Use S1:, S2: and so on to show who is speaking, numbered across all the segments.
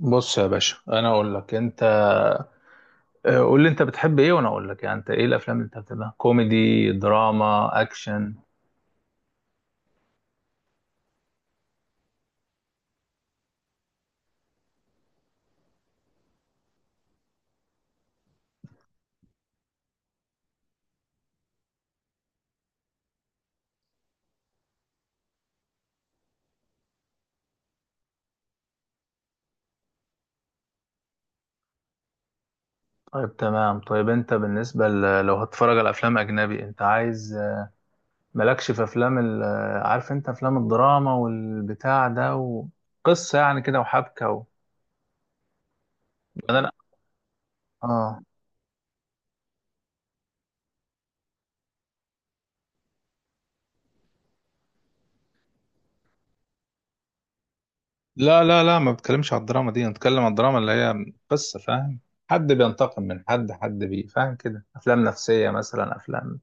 S1: بص يا باشا، انا اقول لك انت. قول لي انت بتحب ايه وانا اقول لك، يعني انت ايه الافلام اللي انت بتحبها؟ كوميدي، دراما، اكشن؟ طيب تمام. طيب انت بالنسبه لو هتتفرج على افلام اجنبي انت عايز مالكش في افلام عارف، انت افلام الدراما والبتاع ده وقصه يعني كده وحبكه يعني انا اه. لا، ما بتكلمش على الدراما دي، انا بتكلم على الدراما اللي هي قصه، فاهم؟ حد بينتقم من حد، حد بي فاهم كده، افلام نفسيه مثلا، افلام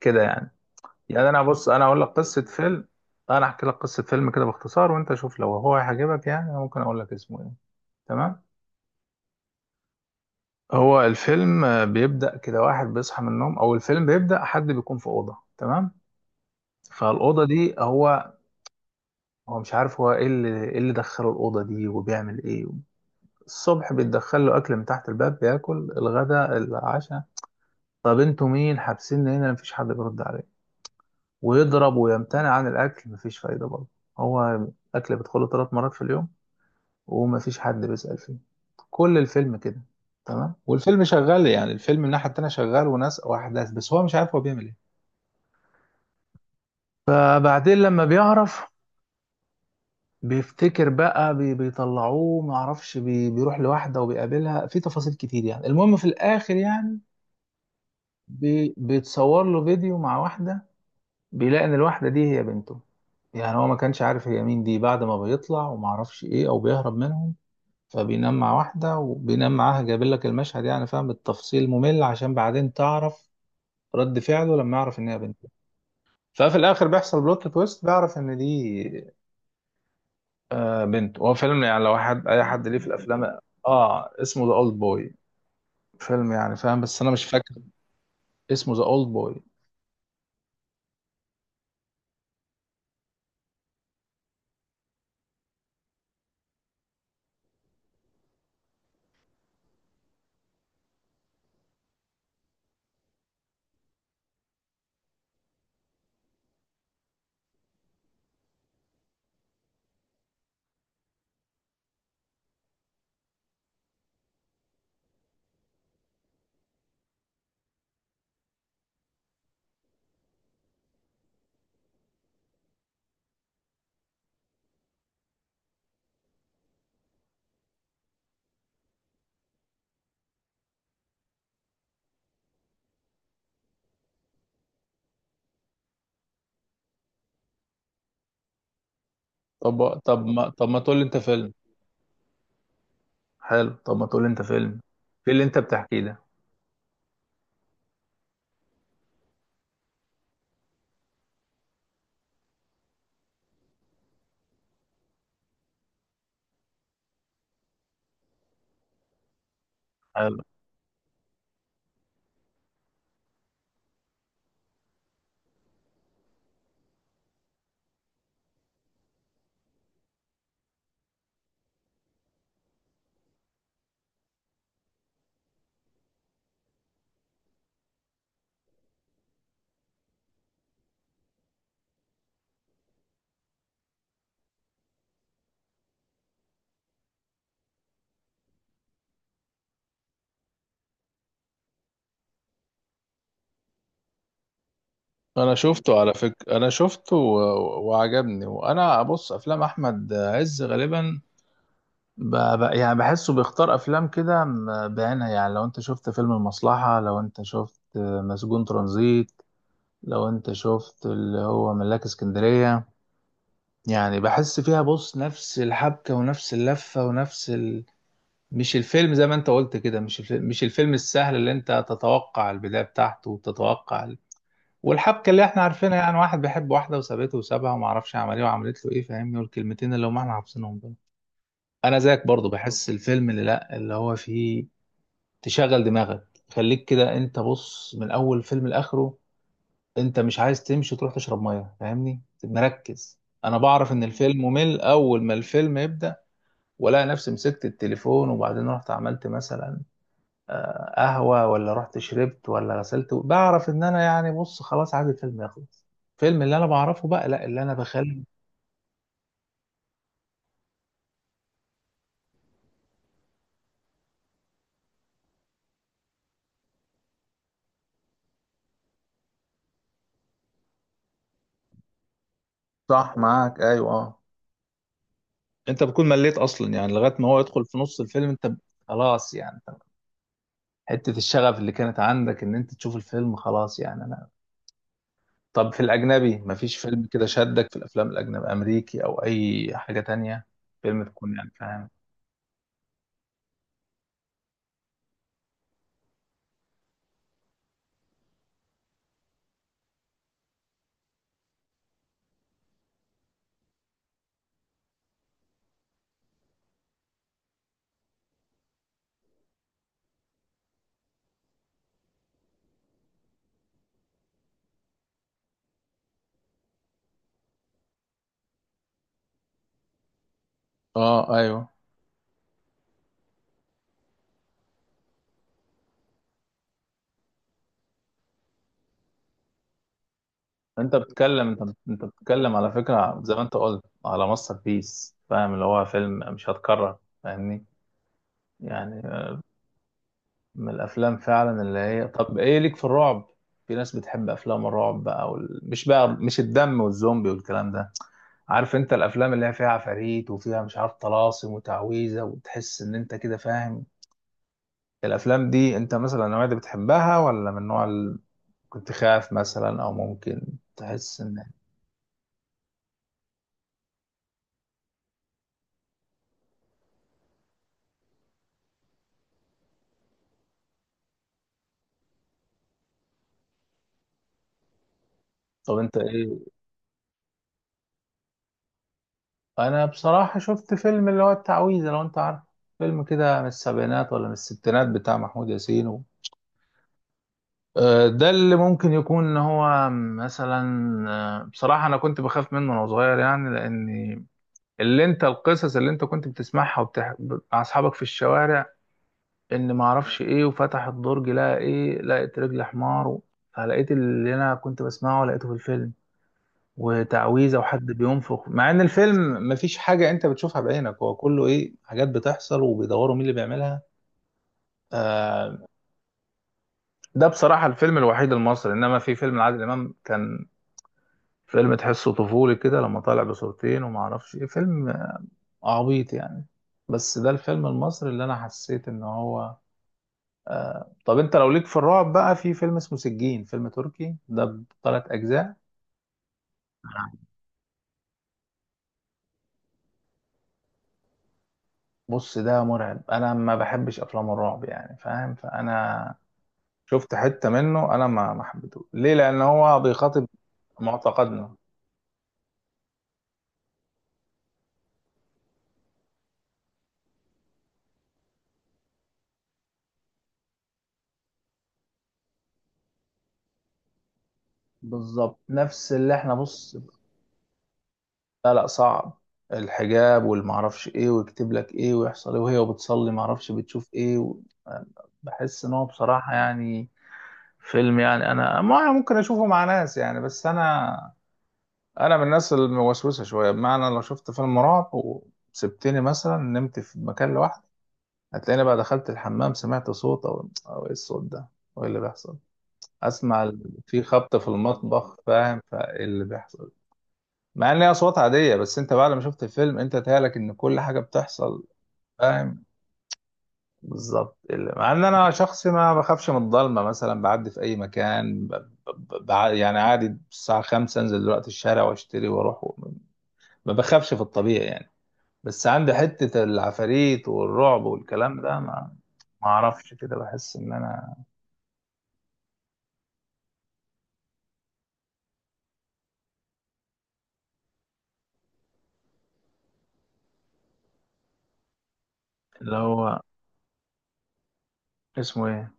S1: كده يعني. يعني انا بص، انا اقول لك قصه فيلم، انا احكي لك قصه فيلم كده باختصار وانت شوف لو هو هيعجبك. يعني أنا ممكن اقول لك اسمه ايه؟ تمام. هو الفيلم بيبدا كده، واحد بيصحى من النوم، او الفيلم بيبدا حد بيكون في اوضه تمام. فالاوضه دي هو، هو مش عارف هو ايه اللي، ايه اللي دخله الاوضه دي وبيعمل ايه. الصبح بيتدخل له اكل من تحت الباب، بياكل الغداء، العشاء. طب انتوا مين؟ حابسيني هنا. مفيش حد بيرد عليه. ويضرب ويمتنع عن الاكل، مفيش فايده برضه. هو الاكل بيدخله ثلاث مرات في اليوم ومفيش حد بيسأل فيه، كل الفيلم كده. تمام، والفيلم شغال، يعني الفيلم من الناحية التانية شغال، وناس وأحداث، بس هو مش عارف هو بيعمل إيه. فبعدين لما بيعرف، بيفتكر بقى، بي بيطلعوه، معرفش، بي بيروح لواحدة وبيقابلها في تفاصيل كتير، يعني المهم في الآخر يعني، بي بيتصور له فيديو مع واحدة، بيلاقي إن الواحدة دي هي بنته. يعني هو ما كانش عارف هي مين دي. بعد ما بيطلع ومعرفش إيه أو بيهرب منهم، فبينام مع واحدة وبينام معاها، جايبين لك المشهد يعني فاهم بالتفصيل ممل عشان بعدين تعرف رد فعله لما يعرف إن هي بنت. ففي الآخر بيحصل بلوت تويست، بيعرف إن دي آه بنت. هو فيلم يعني لو حد، أي حد ليه في الأفلام، آه اسمه ذا أولد بوي. فيلم يعني فاهم، بس أنا مش فاكر اسمه، ذا أولد بوي. طب ما تقول لي أنت فيلم؟ حلو، طب ما تقول لي أنت فيلم في اللي أنت بتحكيه ده؟ حلو. انا شفته على فكره، انا شفته وعجبني. وانا بص، افلام احمد عز غالبا يعني بحسه بيختار افلام كده بعينها. يعني لو انت شفت فيلم المصلحة، لو انت شفت مسجون ترانزيت، لو انت شفت اللي هو ملاك اسكندرية، يعني بحس فيها بص نفس الحبكة ونفس اللفة ونفس مش الفيلم، زي ما انت قلت كده، مش الفيلم السهل اللي انت تتوقع البداية بتاعته وتتوقع والحبكة اللي احنا عارفينها، يعني واحد بيحب واحدة وسابته وسابها وما اعرفش عمل ايه وعملت له ايه، فاهمني، والكلمتين اللي هم احنا حافظينهم دول. انا زيك برضو، بحس الفيلم اللي لا اللي هو فيه تشغل دماغك، خليك كده انت بص من اول فيلم لاخره. انت مش عايز تمشي وتروح تشرب ميه، فاهمني، مركز. انا بعرف ان الفيلم ممل اول ما الفيلم يبدا، والاقي نفسي مسكت التليفون وبعدين رحت عملت مثلا قهوه، ولا رحت شربت، ولا غسلت، بعرف ان انا يعني بص خلاص عايز الفيلم يخلص. الفيلم اللي انا بعرفه بقى لا، اللي انا بخلي. صح، معاك، ايوه اه. انت بتكون مليت اصلا، يعني لغايه ما هو يدخل في نص الفيلم انت خلاص يعني، حتة الشغف اللي كانت عندك ان انت تشوف الفيلم خلاص يعني انا. طب في الاجنبي مفيش فيلم كده شدك في الافلام الاجنبي امريكي او اي حاجة تانية، فيلم تكون يعني فاهم؟ اه ايوه. انت بتتكلم، انت بتتكلم على فكرة زي ما انت قلت على ماستر بيس، فاهم، اللي هو فيلم مش هتكرر، فاهمني يعني، من الافلام فعلا اللي هي. طب ايه ليك في الرعب؟ في ناس بتحب افلام الرعب بقى مش بقى، مش الدم والزومبي والكلام ده، عارف، انت الافلام اللي هي فيها عفاريت وفيها مش عارف طلاسم وتعويذه وتحس ان انت كده فاهم. الافلام دي انت مثلا النوعيه دي بتحبها، ولا من النوع اللي كنت خاف مثلا او ممكن تحس ان، طب انت ايه؟ انا بصراحه شفت فيلم اللي هو التعويذه، لو انت عارف، فيلم كده من السبعينات ولا من الستينات بتاع محمود ياسين و... آه، ده اللي ممكن يكون ان هو مثلا بصراحه انا كنت بخاف منه وانا صغير، يعني لان اللي انت، القصص اللي انت كنت بتسمعها مع اصحابك في الشوارع، ان ما اعرفش ايه وفتح الدرج لقى ايه، لقيت رجل حمار فلقيت اللي انا كنت بسمعه لقيته في الفيلم، وتعويذه وحد بينفخ، مع ان الفيلم مفيش حاجه انت بتشوفها بعينك، هو كله ايه، حاجات بتحصل وبيدوروا مين اللي بيعملها. آه ده بصراحه الفيلم الوحيد المصري. انما في فيلم لعادل امام كان فيلم تحسه طفولي كده لما طالع بصورتين وما اعرفش ايه، فيلم عبيط يعني، بس ده الفيلم المصري اللي انا حسيت ان هو. طب انت لو ليك في الرعب بقى، في فيلم اسمه سجين، فيلم تركي ده بثلاث اجزاء. بص ده مرعب، انا ما بحبش افلام الرعب يعني فاهم، فانا شفت حتة منه، انا ما حبيته ليه، لان هو بيخاطب معتقدنا. بالظبط، نفس اللي احنا بص. لا لا، صعب. الحجاب والمعرفش ايه، ويكتب لك ايه، ويحصل ايه، وهي بتصلي معرفش بتشوف ايه بحس ان هو بصراحة يعني فيلم، يعني انا ما ممكن اشوفه مع ناس يعني. بس انا، انا من الناس الموسوسه شويه، بمعنى لو شفت فيلم رعب وسبتني مثلا نمت في مكان لوحدي، هتلاقيني بقى دخلت الحمام سمعت صوت، او ايه الصوت ده وايه اللي بيحصل، اسمع في خبط في المطبخ، فاهم، فايه اللي بيحصل، مع ان هي اصوات عاديه، بس انت بعد ما شفت الفيلم انت تهيألك ان كل حاجه بتحصل، فاهم. بالظبط مع ان انا شخص ما بخافش من الضلمه مثلا، بعدي في اي مكان يعني عادي الساعه 5 انزل دلوقتي الشارع واشتري واروح ما بخافش في الطبيعي يعني، بس عندي حته العفاريت والرعب والكلام ده ما اعرفش كده، بحس ان انا اللي هو اسمه ايه؟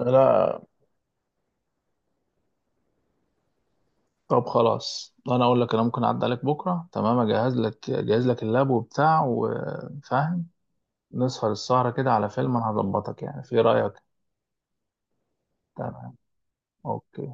S1: لا، طب خلاص، انا اقول لك، انا ممكن اعدي عليك بكره، تمام، اجهز لك، اجهز لك اللاب وبتاع، وفاهم، نسهر السهره كده على فيلم، انا هظبطك يعني، في رايك؟ تمام. اوكي.